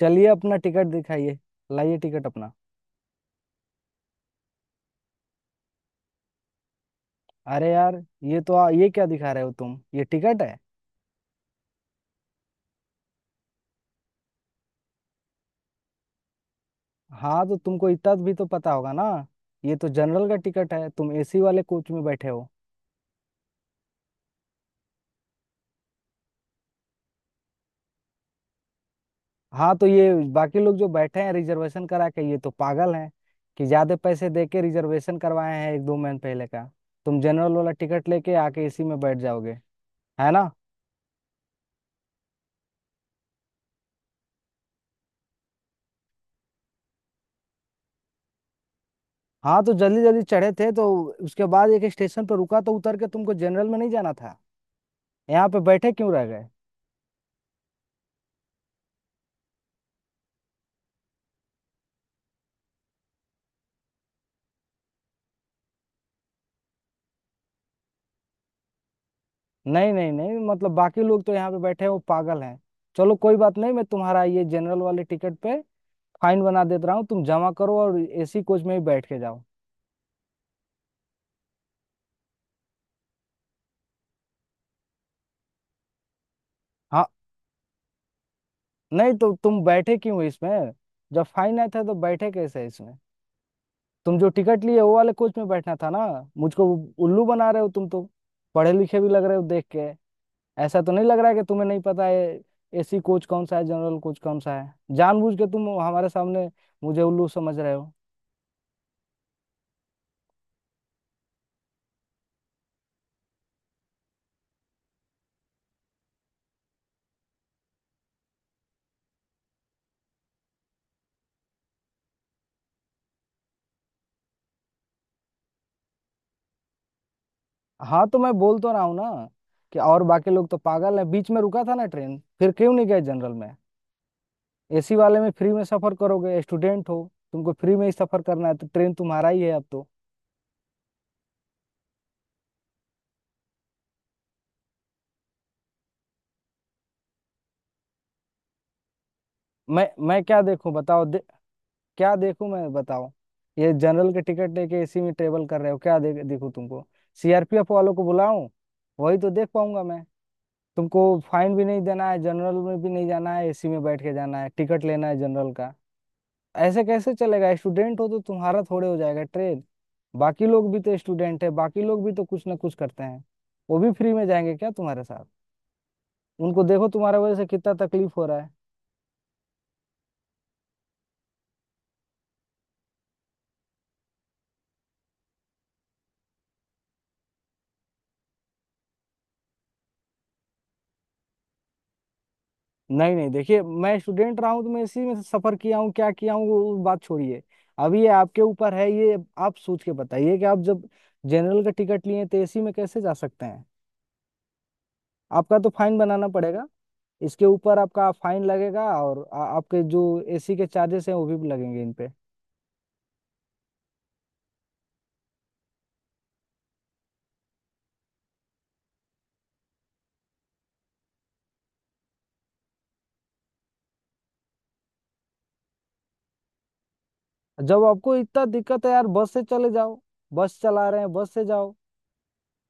चलिए अपना टिकट दिखाइए। लाइए टिकट अपना। अरे यार, ये तो ये क्या दिखा रहे हो तुम, ये टिकट है? हाँ तो तुमको इतना भी तो पता होगा ना। ये तो जनरल का टिकट है, तुम एसी वाले कोच में बैठे हो। हाँ तो ये बाकी लोग जो बैठे हैं रिजर्वेशन करा के, ये तो पागल हैं कि ज्यादा पैसे दे के रिजर्वेशन करवाए हैं एक दो महीने पहले का। तुम जनरल वाला टिकट लेके आके एसी में बैठ जाओगे, है ना? हाँ तो जल्दी जल्दी चढ़े थे तो उसके बाद एक स्टेशन पर रुका, तो उतर के तुमको जनरल में नहीं जाना था? यहाँ पे बैठे क्यों रह गए? नहीं नहीं नहीं, मतलब बाकी लोग तो यहाँ पे बैठे हैं, वो पागल हैं? चलो कोई बात नहीं, मैं तुम्हारा ये जनरल वाले टिकट पे फाइन बना देता रहा हूँ, तुम जमा करो और एसी कोच में ही बैठ के जाओ। हाँ, नहीं तो तुम बैठे क्यों इसमें? जब फाइन आया था तो बैठे कैसे इसमें? तुम जो टिकट लिए वो वाले कोच में बैठना था ना। मुझको उल्लू बना रहे हो तुम तो। पढ़े लिखे भी लग रहे हो देख के। ऐसा तो नहीं लग रहा है कि तुम्हें नहीं पता है एसी कोच कौन सा है, जनरल कोच कौन सा है। जानबूझ के तुम हमारे सामने मुझे उल्लू समझ रहे हो। हाँ तो मैं बोल तो रहा हूँ ना कि और बाकी लोग तो पागल हैं? बीच में रुका था ना ट्रेन, फिर क्यों नहीं गए जनरल में? एसी वाले में फ्री में सफर करोगे, स्टूडेंट हो? तुमको फ्री में ही सफर करना है तो ट्रेन तुम्हारा ही है अब तो। मैं क्या देखूं बताओ? क्या देखूं मैं बताओ? ये जनरल के टिकट लेके एसी में ट्रेवल कर रहे हो, क्या देखूं तुमको? सीआरपीएफ वालों को बुलाऊं? वही तो देख पाऊंगा मैं तुमको। फाइन भी नहीं देना है, जनरल में भी नहीं जाना है, एसी में बैठ के जाना है, टिकट लेना है जनरल का। ऐसे कैसे चलेगा? स्टूडेंट हो तो तुम्हारा थोड़े हो जाएगा ट्रेड। बाकी लोग भी तो स्टूडेंट है, बाकी लोग भी तो कुछ ना कुछ करते हैं। वो भी फ्री में जाएंगे क्या तुम्हारे साथ? उनको देखो, तुम्हारे वजह से कितना तकलीफ हो रहा है। नहीं नहीं देखिए, मैं स्टूडेंट रहा हूँ तो मैं इसी में सफर किया हूँ क्या किया हूँ, वो बात छोड़िए। अब ये आपके ऊपर है, ये आप सोच के बताइए कि आप जब जनरल का टिकट लिए तो एसी में कैसे जा सकते हैं? आपका तो फाइन बनाना पड़ेगा। इसके ऊपर आपका फाइन लगेगा और आपके जो एसी के चार्जेस हैं वो भी लगेंगे इन पे। जब आपको इतना दिक्कत है यार बस से चले जाओ। बस चला रहे हैं, बस से जाओ।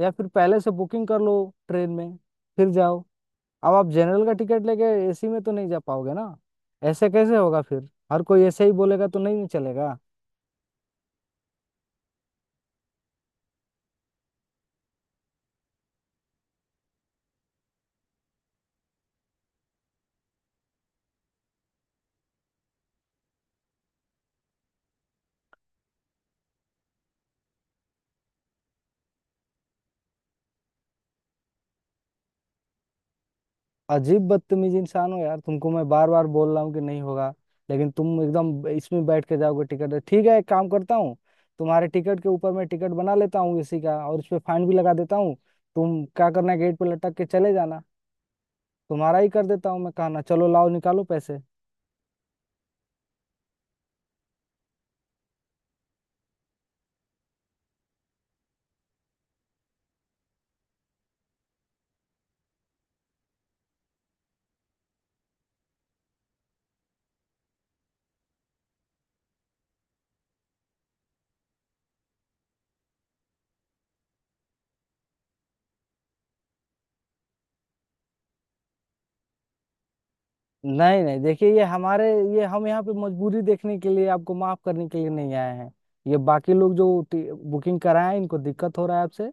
या फिर पहले से बुकिंग कर लो ट्रेन में, फिर जाओ। अब आप जनरल का टिकट लेके एसी में तो नहीं जा पाओगे ना। ऐसे कैसे होगा? फिर हर कोई ऐसे ही बोलेगा तो नहीं चलेगा। अजीब बदतमीज इंसान हो यार, तुमको मैं बार बार बोल रहा हूँ कि नहीं होगा, लेकिन तुम एकदम इसमें बैठ के जाओगे? टिकट ठीक है, एक काम करता हूँ, तुम्हारे टिकट के ऊपर मैं टिकट बना लेता हूँ एसी का और उस पर फाइन भी लगा देता हूँ। तुम क्या करना है, गेट पे लटक के चले जाना। तुम्हारा ही कर देता हूँ मैं, कहना चलो लाओ निकालो पैसे। नहीं नहीं देखिए, ये हमारे, ये हम यहाँ पे मजबूरी देखने के लिए आपको माफ करने के लिए नहीं आए हैं। ये बाकी लोग जो बुकिंग कराए हैं, इनको दिक्कत हो रहा है आपसे।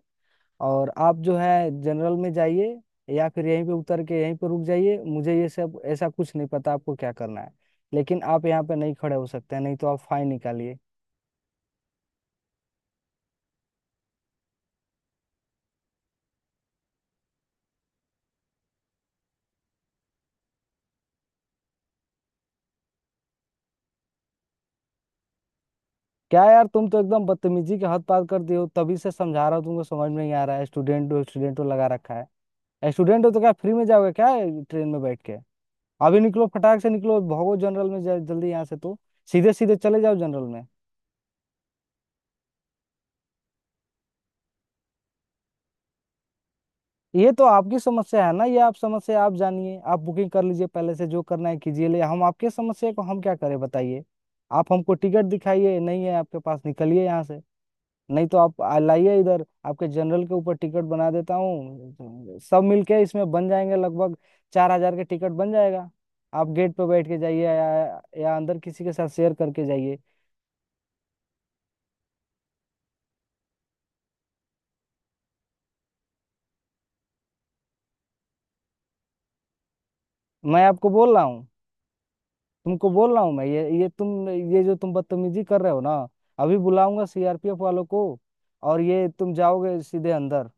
और आप जो है जनरल में जाइए, या फिर यहीं पे उतर के यहीं पे रुक जाइए। मुझे ये सब ऐसा कुछ नहीं पता आपको क्या करना है, लेकिन आप यहाँ पे नहीं खड़े हो सकते हैं। नहीं तो आप फाइन निकालिए। क्या यार, तुम तो एकदम बदतमीजी के हद पार कर दिए हो। तभी से समझा रहा हूँ तुमको, समझ में नहीं आ रहा है। स्टूडेंट हो, स्टूडेंट हो लगा रखा है, स्टूडेंट हो तो क्या फ्री में जाओगे क्या ट्रेन में बैठ के? अभी निकलो, फटाक से निकलो, भागो जनरल में, जल्दी यहाँ से तो। सीधे सीधे चले जाओ जनरल में। ये तो आपकी समस्या है ना, ये आप समस्या आप जानिए। आप बुकिंग कर लीजिए पहले से, जो करना है कीजिए। ले हम आपके समस्या को हम क्या करें बताइए? आप हमको टिकट दिखाइए, नहीं है आपके पास, निकलिए यहाँ से। नहीं तो आप लाइए इधर, आपके जनरल के ऊपर टिकट बना देता हूँ। सब मिलके इसमें बन जाएंगे लगभग 4 हजार के टिकट बन जाएगा। आप गेट पे बैठ के जाइए, या अंदर किसी के साथ शेयर करके जाइए। मैं आपको बोल रहा हूँ, तुमको बोल रहा हूँ मैं, ये जो तुम बदतमीजी कर रहे हो ना, अभी बुलाऊंगा सीआरपीएफ वालों को, और ये तुम जाओगे सीधे अंदर।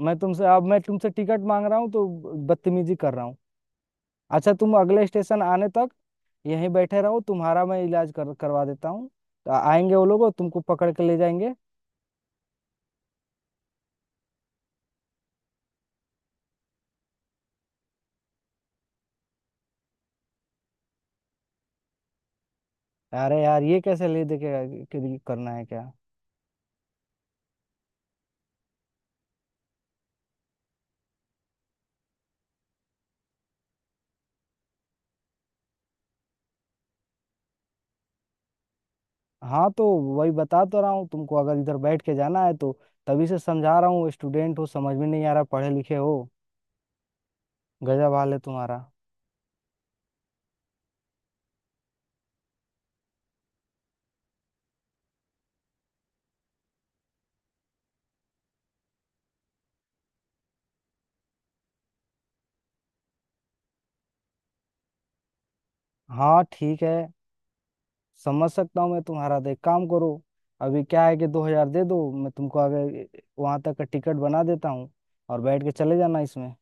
मैं तुमसे टिकट मांग रहा हूँ तो बदतमीजी कर रहा हूँ? अच्छा, तुम अगले स्टेशन आने तक यहीं बैठे रहो, तुम्हारा मैं इलाज कर करवा देता हूँ। तो आएंगे वो लोग और तुमको पकड़ के ले जाएंगे। अरे यार, ये कैसे ले दे के करना है क्या? हाँ तो वही बता तो रहा हूँ तुमको, अगर इधर बैठ के जाना है तो। तभी से समझा रहा हूँ, स्टूडेंट हो, समझ में नहीं आ रहा, पढ़े लिखे हो। गजब हाल है तुम्हारा। हाँ ठीक है, समझ सकता हूँ मैं तुम्हारा, देख काम करो। अभी क्या है कि 2 हजार दे दो, मैं तुमको आगे वहां तक का टिकट बना देता हूँ और बैठ के चले जाना इसमें।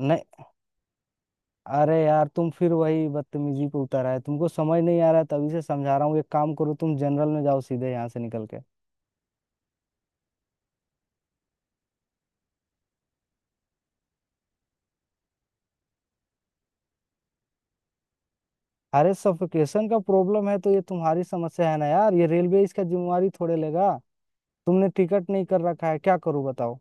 नहीं, अरे यार, तुम फिर वही बदतमीजी पे उतर आए, तुमको समझ नहीं आ रहा है, तभी से समझा रहा हूँ। एक काम करो तुम, जनरल में जाओ सीधे यहाँ से निकल के। अरे सफोकेशन का प्रॉब्लम है तो ये तुम्हारी समस्या है ना यार, ये रेलवे इसका जिम्मेवारी थोड़े लेगा। तुमने टिकट नहीं कर रखा है, क्या करूँ बताओ?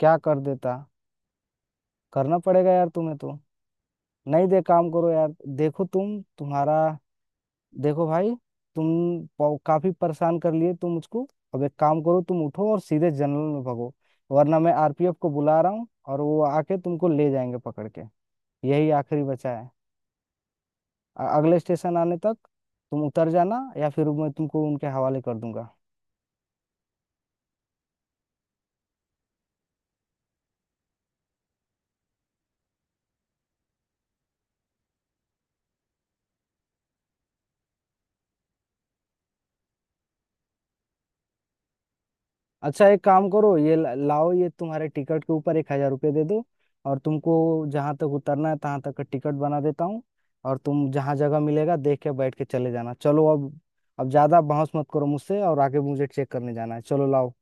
क्या कर देता? करना पड़ेगा यार तुम्हें तो। नहीं दे काम करो यार। देखो तुम, तुम्हारा देखो भाई, तुम काफी परेशान कर लिए तुम मुझको। अब एक काम करो, तुम उठो और सीधे जंगल में भागो, वरना मैं आरपीएफ को बुला रहा हूँ और वो आके तुमको ले जाएंगे पकड़ के। यही आखिरी बचा है। अगले स्टेशन आने तक तुम उतर जाना, या फिर मैं तुमको उनके हवाले कर दूंगा। अच्छा एक काम करो, ये लाओ, ये तुम्हारे टिकट के ऊपर 1 हजार रुपये दे दो और तुमको जहाँ तक उतरना है तहाँ तक का टिकट बना देता हूँ, और तुम जहाँ जगह मिलेगा देख के बैठ के चले जाना। चलो अब ज्यादा बहस मत करो मुझसे, और आगे मुझे चेक करने जाना है। चलो लाओ।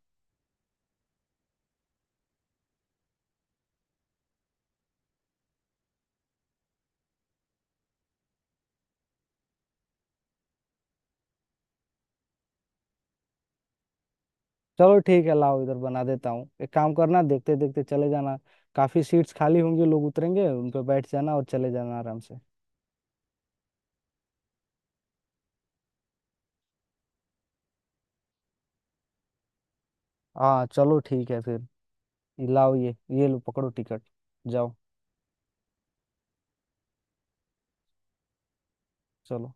चलो ठीक है, लाओ इधर बना देता हूँ। एक काम करना, देखते देखते चले जाना। काफी सीट्स खाली होंगी, लोग उतरेंगे, उन पर बैठ जाना और चले जाना आराम से। हाँ चलो ठीक है फिर, ये लाओ, ये लो पकड़ो टिकट, जाओ। चलो।